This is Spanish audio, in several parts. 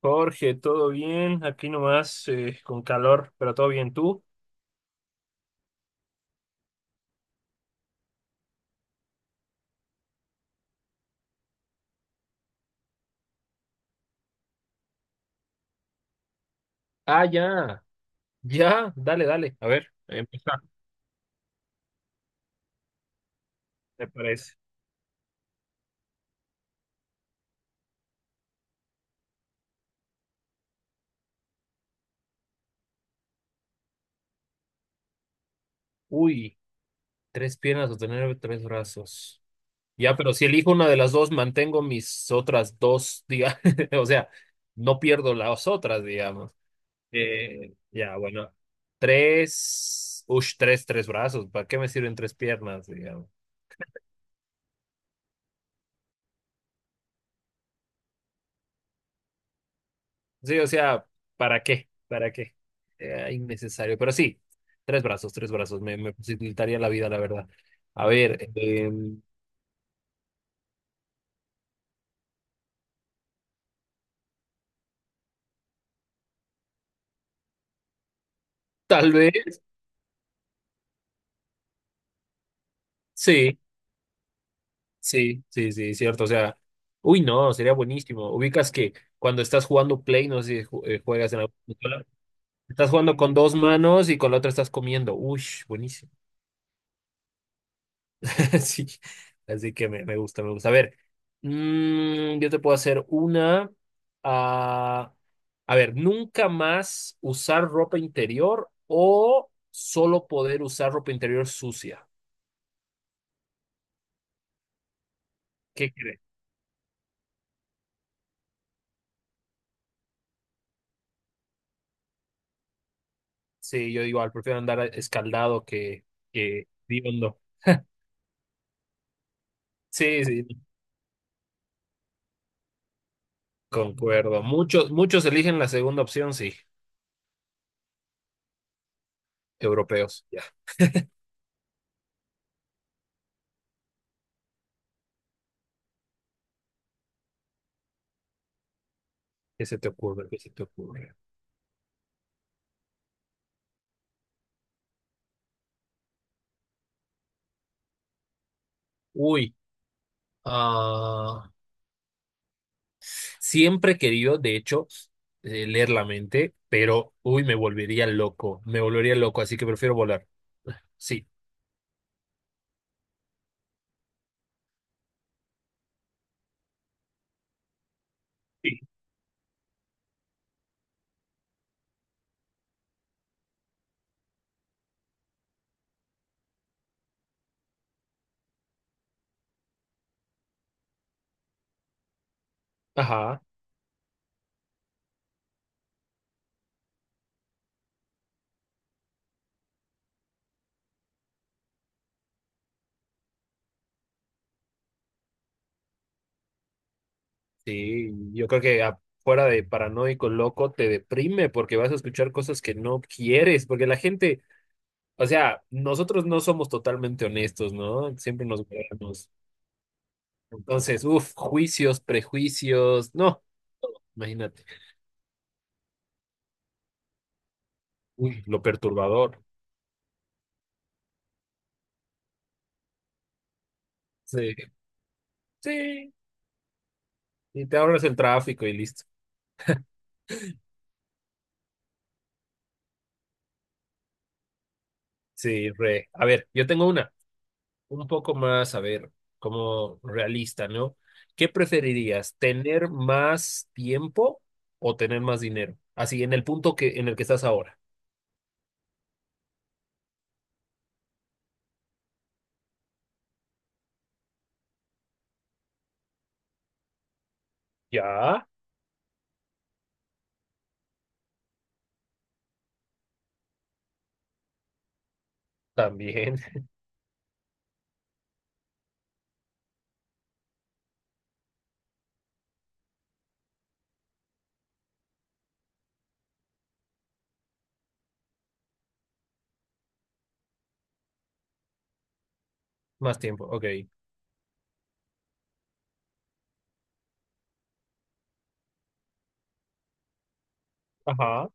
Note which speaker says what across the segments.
Speaker 1: Jorge, ¿todo bien? Aquí nomás con calor, pero todo bien. ¿Tú? Ah, ya, ya, dale, dale. A ver, empieza, me parece. Uy, tres piernas o tener tres brazos. Ya, pero si elijo una de las dos, mantengo mis otras dos, diga, o sea, no pierdo las otras, digamos. Ya, bueno, tres brazos. ¿Para qué me sirven tres piernas, digamos? Sí, o sea, ¿para qué? ¿Para qué? Era innecesario, pero sí, tres brazos, me facilitaría la vida, la verdad. A ver, tal vez, sí, sí, cierto, o sea, uy, no, sería buenísimo. Ubicas que cuando estás jugando Play, no sé si ju- juegas en la consola, estás jugando con dos manos y con la otra estás comiendo, uy, buenísimo. Así, así que me gusta, me gusta. A ver, yo te puedo hacer una. ah, a ver, nunca más usar ropa interior o solo poder usar ropa interior sucia. ¿Qué crees? Sí, yo igual, prefiero andar escaldado que hediondo. Sí, sí, concuerdo. Muchos, muchos eligen la segunda opción, sí. Europeos, ya. ¿Qué se te ocurre? ¿Qué se te ocurre? Uy, ah, Siempre he querido, de hecho, leer la mente, pero, uy, me volvería loco, así que prefiero volar. Sí. Sí. Ajá, sí, yo creo que fuera de paranoico, loco, te deprime porque vas a escuchar cosas que no quieres, porque la gente, o sea, nosotros no somos totalmente honestos, ¿no? Siempre nos guardamos. Entonces, uff, juicios, prejuicios, no, imagínate, uy, lo perturbador. Sí, sí, y te ahorras el tráfico y listo. Sí, re. A ver, yo tengo una, un poco más, a ver, como realista, ¿no? ¿Qué preferirías, tener más tiempo o tener más dinero? Así, en el punto en el que estás ahora. Ya, también. Más tiempo, ok. Ajá.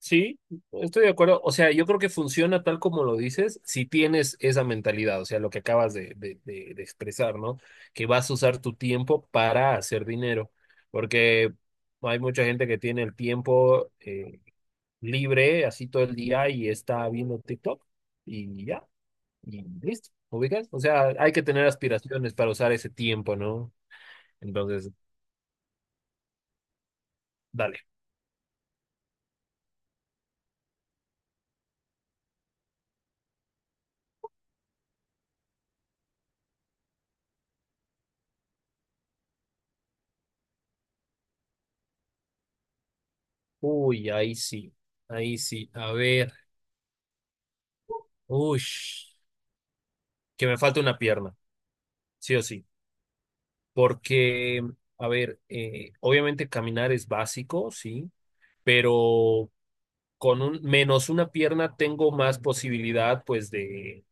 Speaker 1: Sí, estoy de acuerdo. O sea, yo creo que funciona tal como lo dices si tienes esa mentalidad, o sea, lo que acabas de expresar, ¿no? Que vas a usar tu tiempo para hacer dinero, porque hay mucha gente que tiene el tiempo libre, así todo el día y está viendo TikTok y ya, y listo, ¿ubicas? O sea, hay que tener aspiraciones para usar ese tiempo, ¿no? Entonces, dale. Uy, ahí sí, ahí sí. A ver, uy, que me falta una pierna. Sí o sí, porque, a ver, obviamente caminar es básico, sí, pero con un menos una pierna tengo más posibilidad, pues,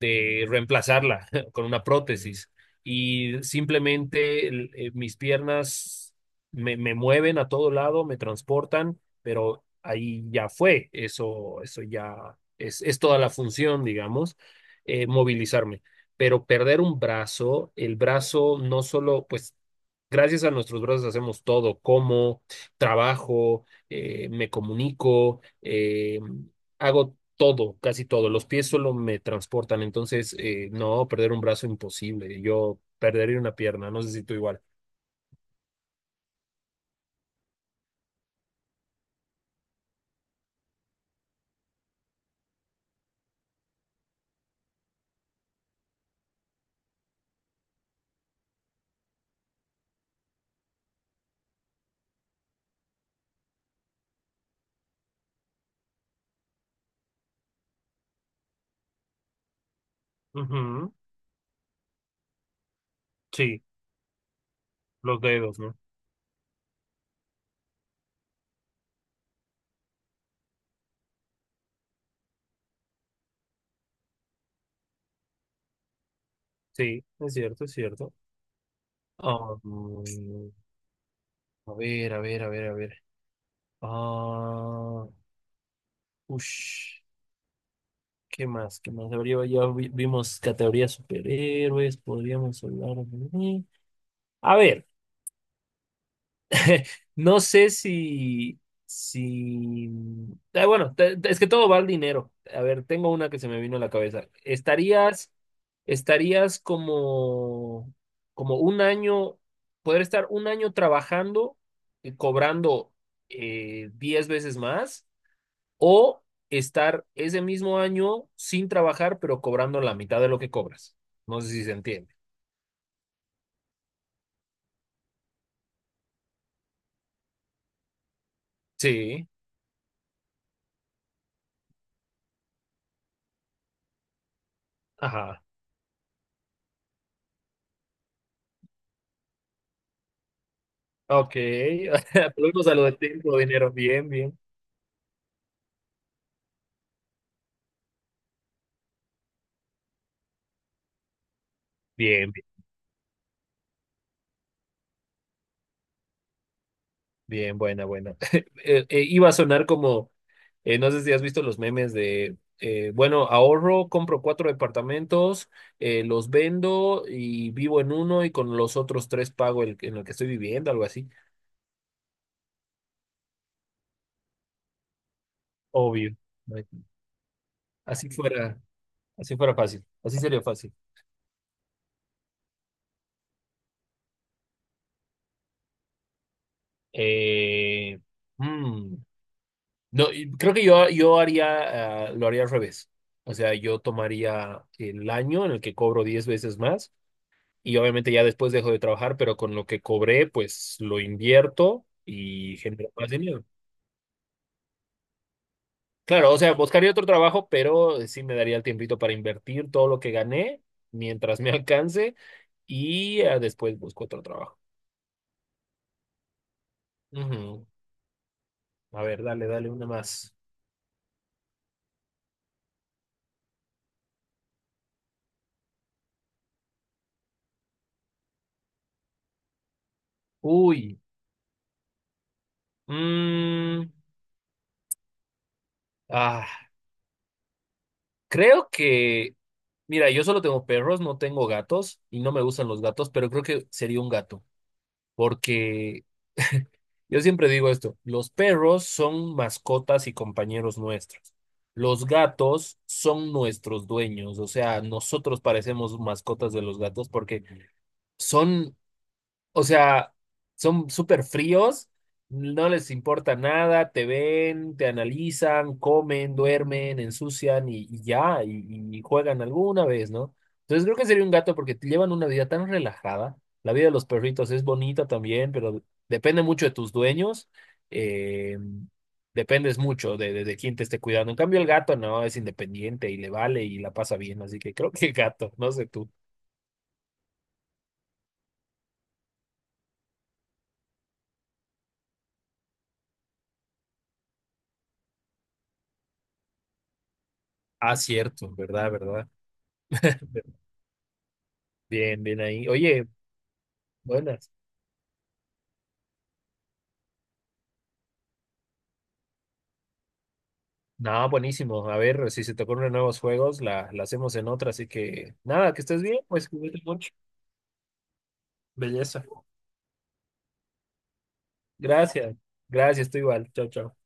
Speaker 1: de reemplazarla con una prótesis. Y simplemente mis piernas me mueven a todo lado, me transportan, pero ahí ya fue. Eso ya es toda la función, digamos, movilizarme. Pero perder un brazo, el brazo no solo, pues, gracias a nuestros brazos hacemos todo, como trabajo, me comunico, hago todo, casi todo. Los pies solo me transportan, entonces no, perder un brazo imposible. Yo perdería una pierna, no sé si tú igual. Ujú, sí, los dedos, ¿no? Sí, es cierto, es cierto. Ah, mm, a ver, a ver, a ver, a ver. Ah, ush, ¿Qué más? ¿Qué más? Vimos categorías superhéroes, podríamos hablar de... A ver. No sé si, si, ah, bueno, es que todo va al dinero. A ver, tengo una que se me vino a la cabeza. Estarías como, como un año, poder estar un año trabajando y cobrando 10 veces más o estar ese mismo año sin trabajar pero cobrando la mitad de lo que cobras? No sé si se entiende. Sí, ajá. Ok, volvemos a lo de tiempo, dinero, bien, bien. Bien, bien, bien, buena, buena. Iba a sonar como, no sé si has visto los memes de, bueno, ahorro, compro cuatro departamentos, los vendo y vivo en uno y con los otros tres pago el en el que estoy viviendo, algo así. Obvio. No hay- Así fuera, así fuera fácil, así sería fácil. Eh, mm, no, y creo que yo haría, lo haría al revés. O sea, yo tomaría el año en el que cobro 10 veces más y obviamente ya después dejo de trabajar, pero con lo que cobré, pues lo invierto y genero más dinero. Claro, o sea, buscaría otro trabajo, pero sí me daría el tiempito para invertir todo lo que gané mientras me alcance y después busco otro trabajo. Ujú. A ver, dale, dale una más. Uy. Mm, ah, creo que, mira, yo solo tengo perros, no tengo gatos y no me gustan los gatos, pero creo que sería un gato. Porque yo siempre digo esto, los perros son mascotas y compañeros nuestros. Los gatos son nuestros dueños, o sea, nosotros parecemos mascotas de los gatos porque son o sea, son súper fríos, no les importa nada, te ven, te analizan, comen, duermen, ensucian y ya, y juegan alguna vez, ¿no? Entonces creo que sería un gato porque te llevan una vida tan relajada. La vida de los perritos es bonita también, pero depende mucho de tus dueños. eh, dependes mucho de quién te esté cuidando. En cambio, el gato no, es independiente y le vale y la pasa bien. Así que creo que gato, no sé tú. Ah, cierto, verdad, verdad. Bien, bien ahí. Oye, buenas. Nada, buenísimo. A ver, si se te ocurren nuevos juegos, la hacemos en otra. Así que, nada, que estés bien, pues cuídate mucho. Belleza. Gracias. Gracias, tú igual. Chao, chao.